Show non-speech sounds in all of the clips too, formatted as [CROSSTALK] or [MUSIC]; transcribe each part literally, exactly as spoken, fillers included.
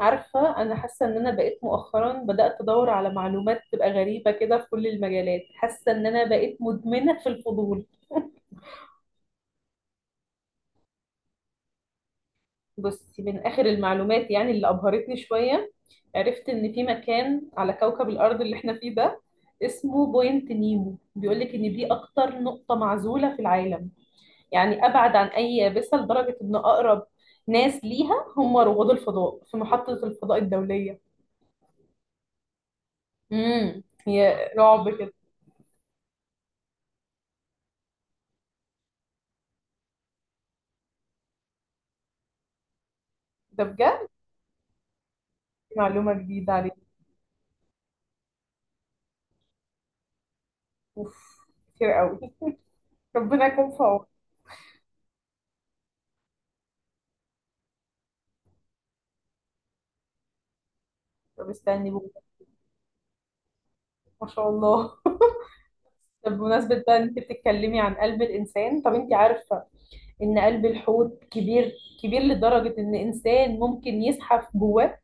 عارفة أنا حاسة إن أنا بقيت مؤخرا بدأت أدور على معلومات تبقى غريبة كده في كل المجالات، حاسة إن أنا بقيت مدمنة في الفضول. بصي، من آخر المعلومات يعني اللي أبهرتني شوية، عرفت إن في مكان على كوكب الأرض اللي إحنا فيه ده اسمه بوينت نيمو. بيقولك إن دي أكتر نقطة معزولة في العالم، يعني أبعد عن أي يابسة لدرجة إن أقرب ناس ليها هم رواد الفضاء في محطة الفضاء الدولية. امم هي رعب كده. ده بجد معلومة جديدة. اوف، كتير قوي [LAUGHS] ربنا يكون في عونك. طب استني بقى. ما شاء الله. [LAUGHS] طب بمناسبة بقى إن انت بتتكلمي عن قلب الانسان، طب انت عارفة ان قلب الحوت كبير كبير لدرجة ان انسان ممكن يزحف جواه؟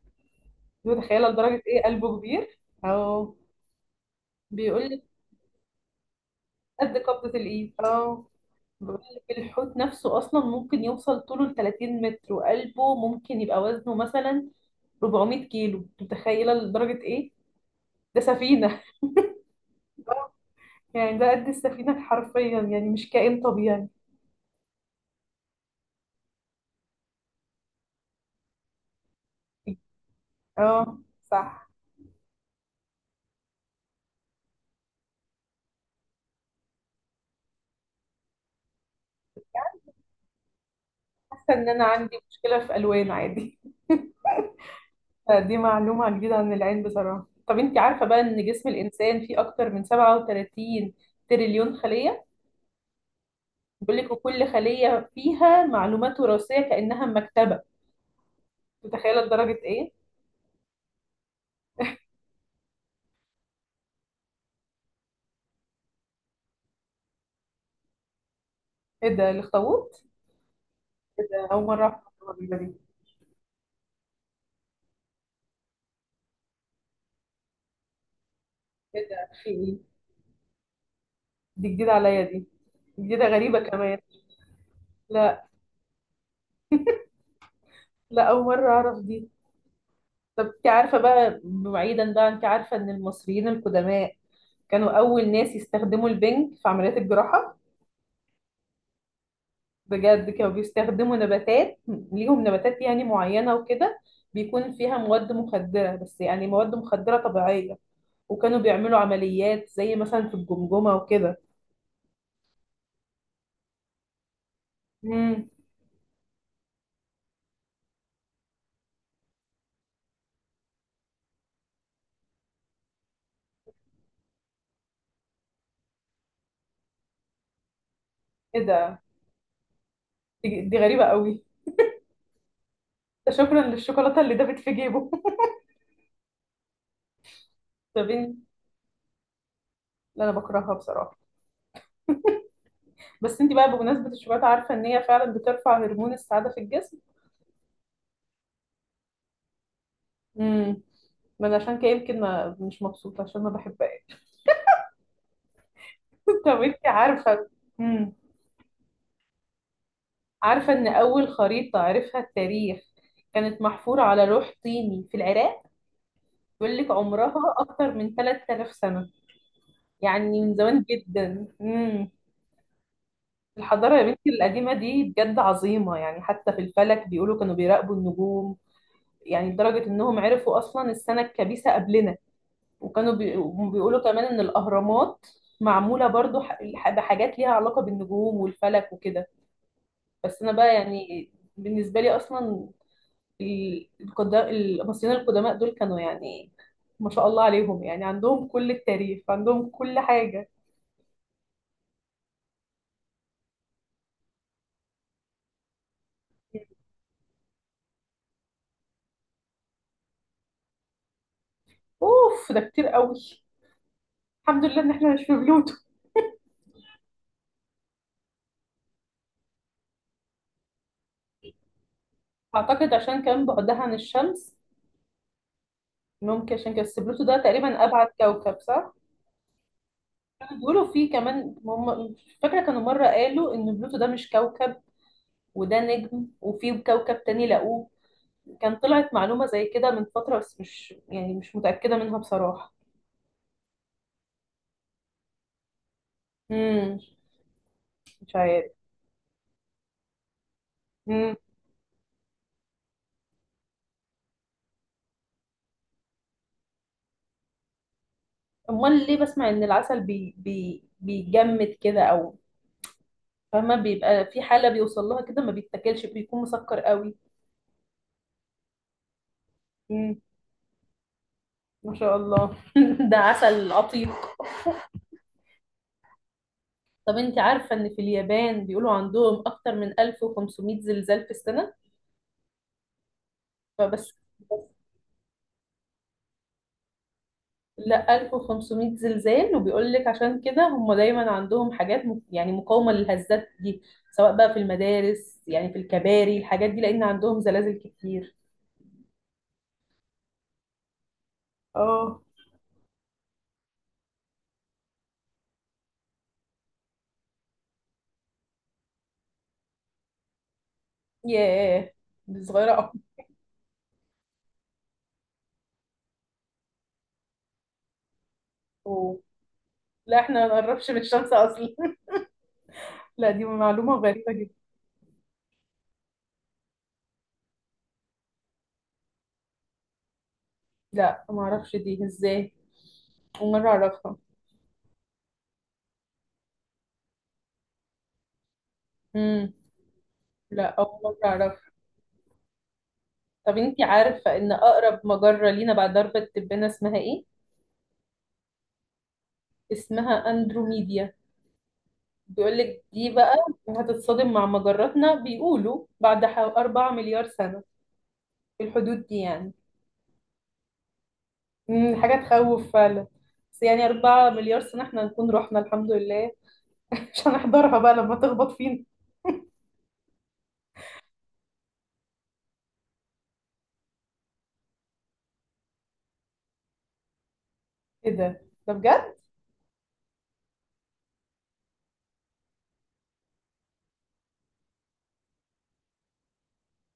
متخيلة لدرجة ايه قلبه كبير؟ اه، بيقول لك قد قبضة الايد. اه، بيقول لك الحوت نفسه اصلا ممكن يوصل طوله ل 30 متر، وقلبه ممكن يبقى وزنه مثلا 400 كيلو. متخيلة لدرجة ايه؟ ده سفينة. يعني ده قد السفينة حرفيا، يعني مش كائن طبيعي. اه، صح. حاسة ان انا عندي مشكلة في الوان عادي. [LAUGHS] فدي معلومة جديدة عن العين بصراحة. طب انت عارفة بقى ان جسم الانسان فيه اكتر من 37 تريليون خلية؟ بيقول لك وكل خلية فيها معلومات وراثية كأنها مكتبة. متخيلة لدرجة ايه؟ ايه ده الاخطبوط؟ ايه ده، اول مرة اعرف المعلومة الجديدة دي. ايه ده، في ايه؟ دي جديدة عليا دي، جديدة غريبة كمان. لا لا، اول مرة اعرف دي. طب انت عارفة بقى، بعيدا بقى، انت عارفة ان المصريين القدماء كانوا أول ناس يستخدموا البنج في عمليات الجراحة؟ بجد كانوا بيستخدموا نباتات، ليهم نباتات يعني معينة وكده بيكون فيها مواد مخدرة، بس يعني مواد مخدرة طبيعية. وكانوا بيعملوا عمليات زي مثلا في الجمجمة وكده. امم ايه ده، دي دي غريبة قوي. ده شكرا للشوكولاتة اللي دابت في جيبه. [LAUGHS] طب انت، لا انا بكرهها بصراحة. بس انت بقى، بمناسبة الشوكولاتة، عارفة ان هي فعلا بترفع هرمون السعادة في الجسم؟ امم ما انا عشان كده يمكن ما مش مبسوطه عشان ما بحبهاش. [LAUGHS] طب انت عارفه، امم عارفه ان اول خريطه عرفها التاريخ كانت محفوره على لوح طيني في العراق؟ بيقول لك عمرها اكتر من ثلاثة آلاف سنة سنه، يعني من زمان جدا. امم الحضاره يا بنتي القديمه دي بجد عظيمه، يعني حتى في الفلك بيقولوا كانوا بيراقبوا النجوم، يعني لدرجه انهم عرفوا اصلا السنه الكبيسه قبلنا. وكانوا بي... بيقولوا كمان ان الاهرامات معموله برضو ح... ح- بحاجات ليها علاقه بالنجوم والفلك وكده. بس انا بقى يعني، بالنسبه لي اصلا، ال- القدا... المصريين القدماء دول كانوا يعني ما شاء الله عليهم، يعني عندهم كل التاريخ، عندهم كل حاجه. اوف، ده كتير قوي. الحمد لله ان احنا مش في بلوتو. اعتقد عشان كان بعدها عن الشمس، ممكن عشان كده. بس بلوتو ده تقريبا ابعد كوكب، صح؟ بيقولوا فيه كمان هم، فاكره كانوا مره قالوا ان بلوتو ده مش كوكب وده نجم، وفي كوكب تاني لقوه. كان طلعت معلومة زي كده من فترة، بس مش يعني مش متأكدة منها بصراحة. امم مش عارف. امم امال ليه بسمع ان العسل بي بي بيجمد كده؟ او فما بيبقى في حالة بيوصل لها كده ما بيتاكلش، بيكون مسكر قوي. امم ما شاء الله. [LAUGHS] ده عسل عتيق. طب انت عارفة ان في اليابان بيقولوا عندهم اكتر من 1500 زلزال في السنة؟ فبس بس، لا 1500 زلزال. وبيقول لك عشان كده هم دايما عندهم حاجات م- يعني مقاومة للهزات دي، سواء بقى في المدارس يعني في الكباري الحاجات دي، لأن عندهم زلازل كتير. اه. ياه، دي صغيرة أوي. أوه. لا احنا ما نقربش من الشمس أصلا. [LAUGHS] لا دي معلومة غريبة جدا. لا ما أعرفش دي ازاي، أول مرة أعرفها. امم لا أول مرة أعرفها. طب انتي عارفة إن أقرب مجرة لينا بعد درب التبانة اسمها إيه؟ اسمها أندروميدا. بيقول لك دي بقى هتتصادم مع مجراتنا، بيقولوا بعد ح- أربعة مليار سنة مليار سنة، في الحدود دي يعني. مم، حاجة تخوف فعلا. بس يعني اربع مليار سنة مليار سنة احنا نكون رحنا الحمد لله. [LAUGHS] مش هنحضرها بقى لما تخبط فينا. ايه ده، ده بجد؟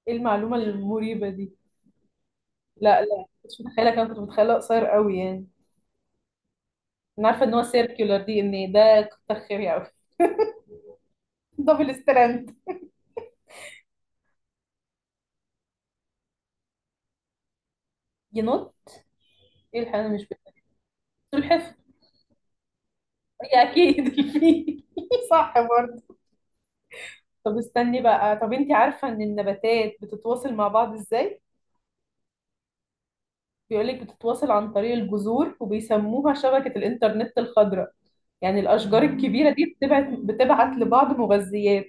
ايه المعلومة المريبة دي؟ لا لا، مش متخيلة، كان كنت متخيلة قصير قوي يعني. انا عارفة ان هو سيركيولار دي ان ده، كتر خيري قوي. [LAUGHS] دبل ستراند. ينط، ايه الحيوان اللي مش بينط؟ سلحفاة؟ هي اكيد [LAUGHS] الفيل [LAUGHS] صح برضه. طب استني بقى، طب انت عارفة ان النباتات بتتواصل مع بعض ازاي؟ بيقولك بتتواصل عن طريق الجذور، وبيسموها شبكة الانترنت الخضراء. يعني الأشجار الكبيرة دي بتبعت بتبعت لبعض مغذيات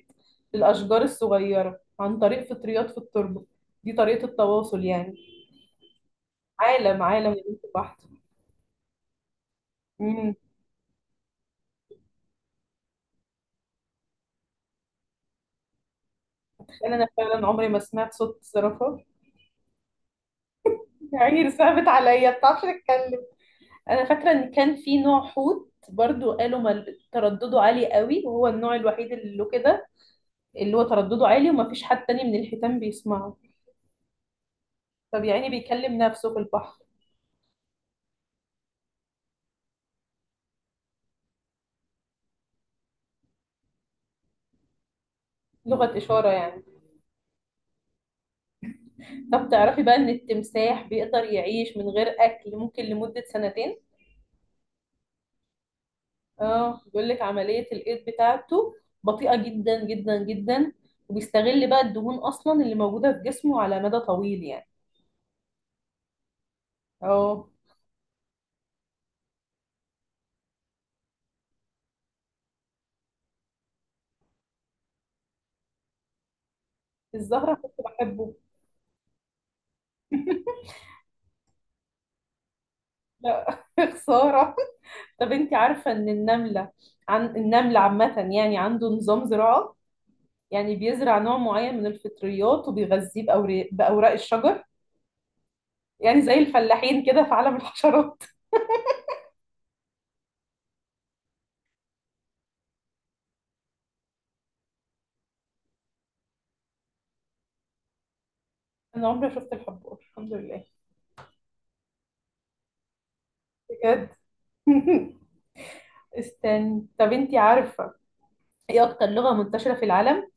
للأشجار الصغيرة عن طريق فطريات في التربة. دي طريقة التواصل يعني. عالم عالم يا بنت بحت. امم تخيل انا فعلا عمري ما سمعت صوت الزرافة. [LAUGHS] يا عيني صعبت عليا، ما بتعرفش تتكلم. انا فاكره ان كان في نوع حوت برضو، قالوا مل... تردده عالي قوي، وهو النوع الوحيد اللي له كده، اللي هو تردده عالي وما فيش حد تاني من الحيتان بيسمعه. طب يعني بيكلم نفسه في البحر. لغة إشارة يعني. طب تعرفي بقى إن التمساح بيقدر يعيش من غير أكل ممكن لمدة سنتين؟ اه، بيقول لك عملية الإيض بتاعته بطيئة جدا جدا جدا، وبيستغل بقى الدهون أصلا اللي موجودة في جسمه على مدى طويل يعني. اه. الزهرة كنت بحبه. لا [LAUGHS] خسارة. طب انت عارفة ان النملة، عن النمل عامة يعني، عنده نظام زراعة؟ يعني بيزرع نوع معين من الفطريات وبيغذيه بأوراق بأوراق الشجر. يعني زي الفلاحين كده في عالم الحشرات. [LAUGHS] انا عمري ما شفت الحبار الحمد لله. بجد. [LAUGHS] استني، طب انت عارفة ايه اكتر لغة منتشرة في العالم؟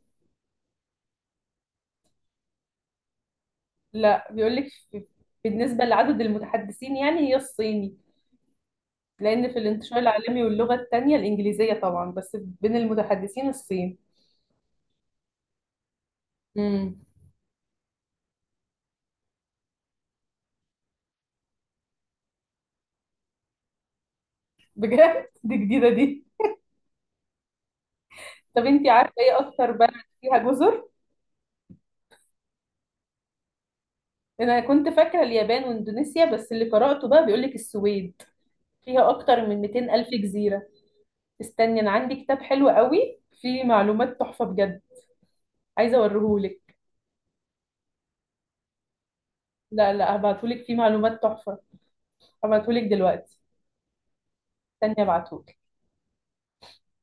لا، بيقولك في- بالنسبة لعدد المتحدثين يعني هي الصيني، لأن في الانتشار العالمي، واللغة التانية الإنجليزية طبعا، بس بين المتحدثين الصين. مم. بجد. [LAUGHS] دي جديدة دي. طب انتي عارفة ايه اكتر بلد فيها جزر؟ انا كنت فاكرة اليابان واندونيسيا، بس اللي قرأته بقى بيقولك السويد فيها اكتر من مئتين ألف جزيرة الف جزيرة. استني انا عندي كتاب حلو قوي فيه معلومات تحفة بجد، عايزة اوريهولك. لا لا هبعتهولك، فيه معلومات تحفة، هبعتهولك دلوقتي. استني ابعتهولك.